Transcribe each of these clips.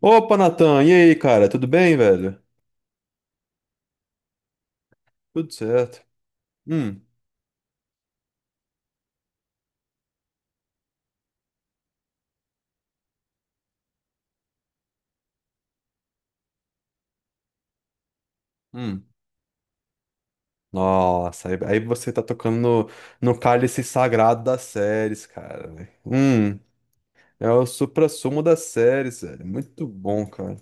Opa, Natan, e aí, cara? Tudo bem, velho? Tudo certo. Hum, hum. Nossa, aí você tá tocando no cálice sagrado das séries, cara. Velho. É o suprassumo das séries, velho. Muito bom, cara.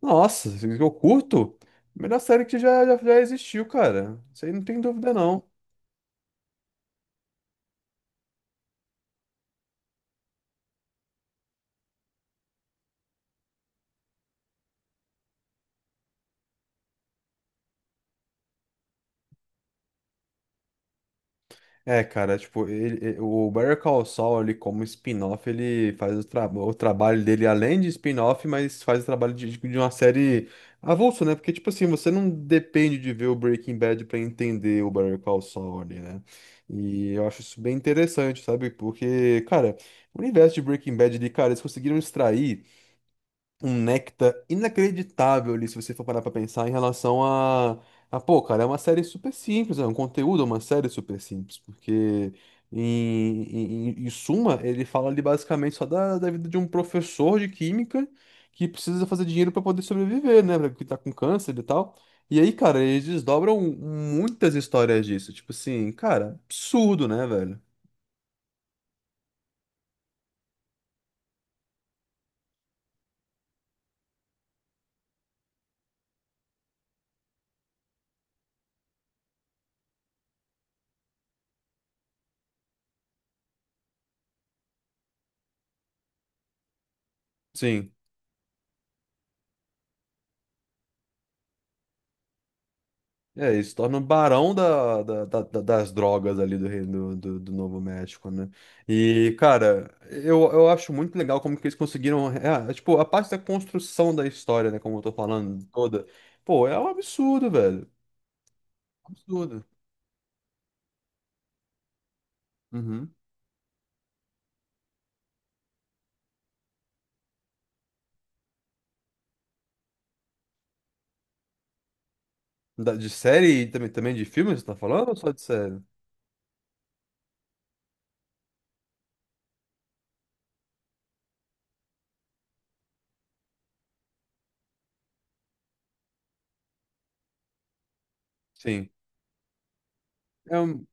Nossa, eu curto. Melhor série que já existiu, cara. Isso aí não tem dúvida, não. É, cara, tipo, o Better Call Saul ali como spin-off, ele faz o trabalho dele além de spin-off, mas faz o trabalho de, tipo, de uma série avulso, né? Porque, tipo assim, você não depende de ver o Breaking Bad pra entender o Better Call Saul ali, né? E eu acho isso bem interessante, sabe? Porque, cara, o universo de Breaking Bad ali, cara, eles conseguiram extrair um néctar inacreditável ali, se você for parar pra pensar, em relação a pô, cara, é uma série super simples, é um conteúdo, é uma série super simples, porque em suma, ele fala ali basicamente só da vida de um professor de química que precisa fazer dinheiro pra poder sobreviver, né? Que tá com câncer e tal. E aí, cara, eles desdobram muitas histórias disso, tipo assim, cara, absurdo, né, velho? Sim. É, ele se torna o barão da, da- da- da- das drogas ali do Reino do Novo México, né? E, cara, eu acho muito legal como que eles conseguiram. Tipo, a parte da construção da história, né? Como eu tô falando toda. Pô, é um absurdo, velho. Absurdo. Uhum. De série e também, também de filme, você tá falando ou só de série? Sim. É um.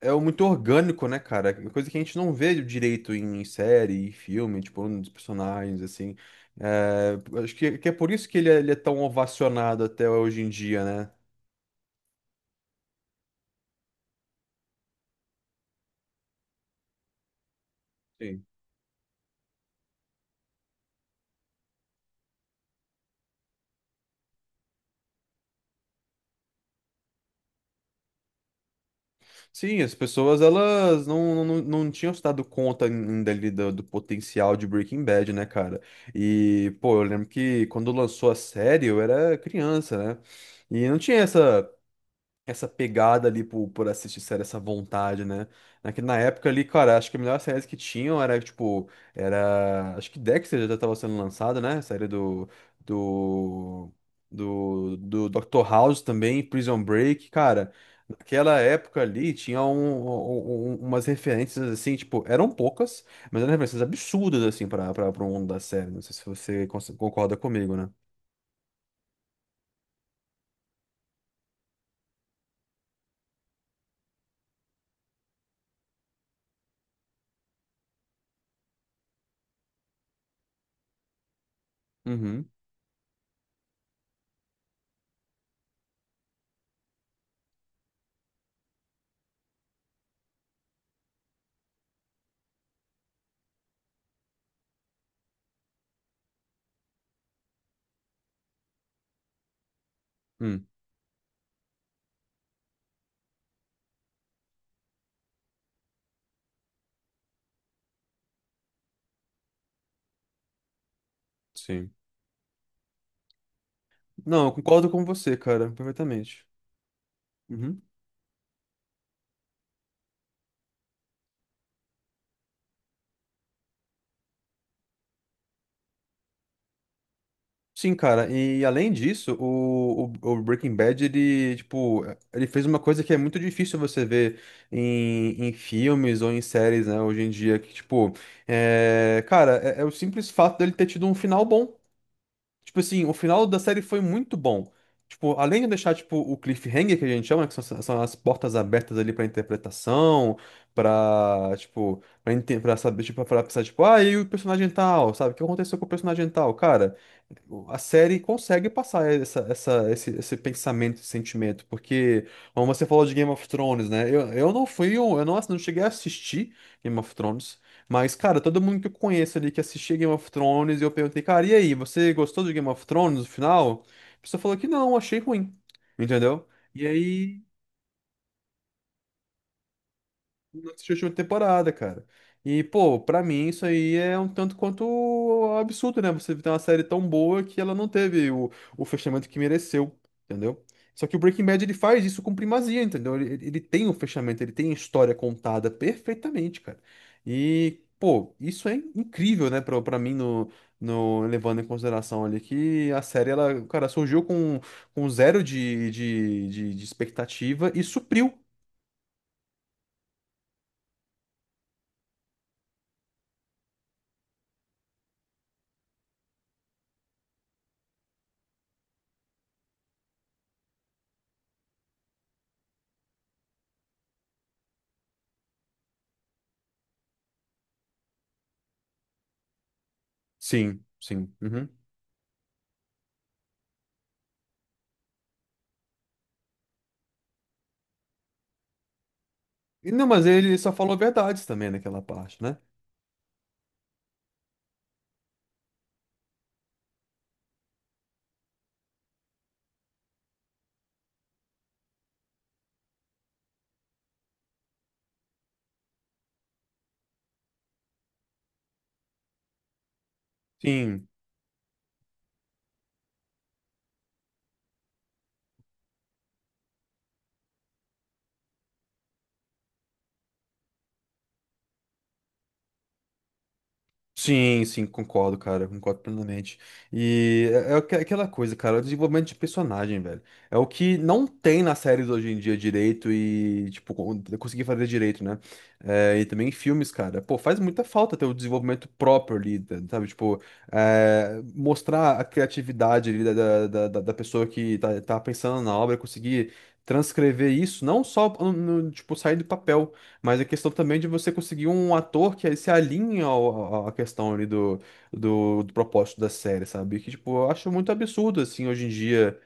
É o muito orgânico, né, cara? É uma coisa que a gente não vê direito em série, em filme, tipo, nos personagens, assim. É, acho que é por isso que ele é tão ovacionado até hoje em dia, né? Sim, sim, as pessoas, elas não tinham se dado conta ainda ali do potencial de Breaking Bad, né, cara? E, pô, eu lembro que quando lançou a série, eu era criança, né? E não tinha essa. Essa pegada ali por assistir série, essa vontade, né? Na época ali, cara, acho que a melhor série que tinham era, tipo, era. Acho que Dexter já tava sendo lançada, né? A série do, do Dr. House também, Prison Break, cara. Naquela época ali tinha umas referências assim, tipo, eram poucas, mas eram referências absurdas, assim, para o mundo da série. Não sei se você concorda comigo, né? Uhum. Hum, sim. Não, eu concordo com você, cara, perfeitamente. Uhum. Sim, cara, e além disso, o Breaking Bad, ele, tipo, ele fez uma coisa que é muito difícil você ver em filmes ou em séries, né, hoje em dia, que, tipo, é, cara, é o simples fato dele ter tido um final bom. Tipo assim, o final da série foi muito bom. Tipo, além de deixar, tipo, o cliffhanger, que a gente chama, que são as portas abertas ali pra interpretação, pra saber, tipo, pra pensar, tipo, ah, e o personagem tal, sabe? O que aconteceu com o personagem tal? Cara, a série consegue passar esse pensamento, esse sentimento, porque, como você falou de Game of Thrones, né? Eu não fui, eu não, não cheguei a assistir Game of Thrones, mas, cara, todo mundo que eu conheço ali que assistia Game of Thrones, eu perguntei, cara, e aí, você gostou de Game of Thrones no final? A pessoa falou que não, achei ruim, entendeu? E aí. Na última temporada, cara. E, pô, pra mim isso aí é um tanto quanto absurdo, né? Você ter uma série tão boa que ela não teve o fechamento que mereceu, entendeu? Só que o Breaking Bad ele faz isso com primazia, entendeu? Ele tem o fechamento, ele tem a história contada perfeitamente, cara. E, pô, isso é incrível, né, pra mim, no, no, levando em consideração ali que a série, ela, cara, surgiu com zero de expectativa e supriu. Sim, sim. Uhum. E não, mas ele só falou verdades também naquela parte, né? Sim, sim, concordo, cara, concordo plenamente. E é, aquela coisa, cara, é o desenvolvimento de personagem, velho. É o que não tem nas séries hoje em dia direito e, tipo, conseguir fazer direito, né? É, e também em filmes, cara. Pô, faz muita falta ter o desenvolvimento próprio ali, sabe? Tipo, é, mostrar a criatividade ali da pessoa que tá, tá pensando na obra, conseguir transcrever isso, não só, tipo, sair do papel. Mas a questão também de você conseguir um ator que se alinhe à questão ali do propósito da série, sabe? Que, tipo, eu acho muito absurdo, assim, hoje em dia.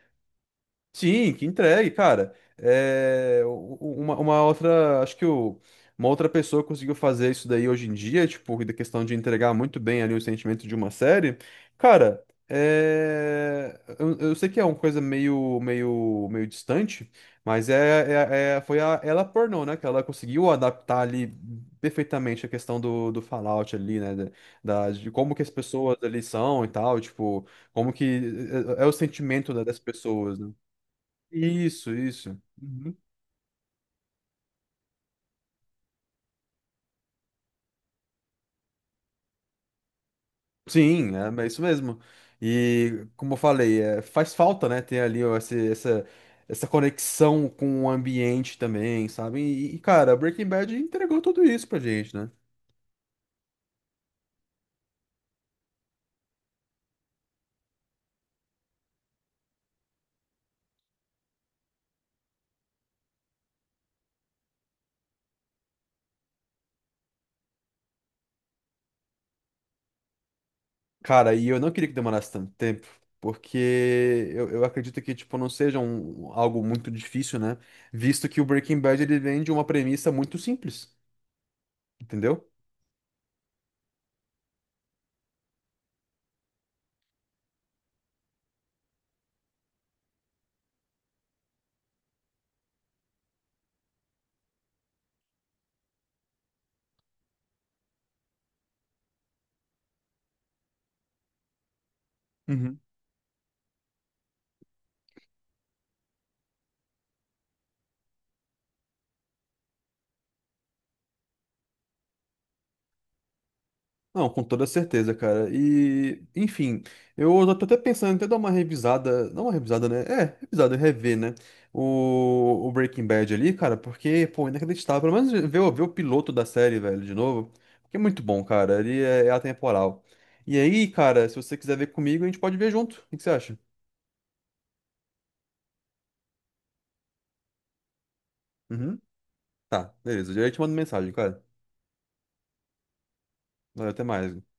Sim, que entregue, cara. É, uma outra, acho que o, uma outra pessoa conseguiu fazer isso daí hoje em dia, tipo, da questão de entregar muito bem ali o sentimento de uma série. Cara, é, eu sei que é uma coisa meio distante, mas foi a ela pornô, né? Que ela conseguiu adaptar ali perfeitamente a questão do Fallout ali, né? De como que as pessoas ali são e tal, tipo, como que é, é o sentimento das pessoas, né? Isso, isso. Uhum. Sim, é, é isso mesmo. E como eu falei, é, faz falta, né, ter ali ó, essa, essa conexão com o ambiente também, sabe? E, cara, Breaking Bad entregou tudo isso pra gente, né? Cara, e eu não queria que demorasse tanto tempo, porque eu acredito que, tipo, não seja um, algo muito difícil, né? Visto que o Breaking Bad, ele vem de uma premissa muito simples, entendeu? Não, com toda certeza, cara. E, enfim, eu já tô até pensando em até dar uma revisada, não uma revisada, né? É, revisada, rever, né? O Breaking Bad ali, cara, porque, pô, inacreditável. Pelo menos ver, ver o piloto da série, velho, de novo, porque é muito bom, cara. Ele é, é atemporal. E aí, cara, se você quiser ver comigo, a gente pode ver junto. O que que você acha? Uhum. Tá, beleza. Eu te mando mensagem, cara. Valeu, até mais.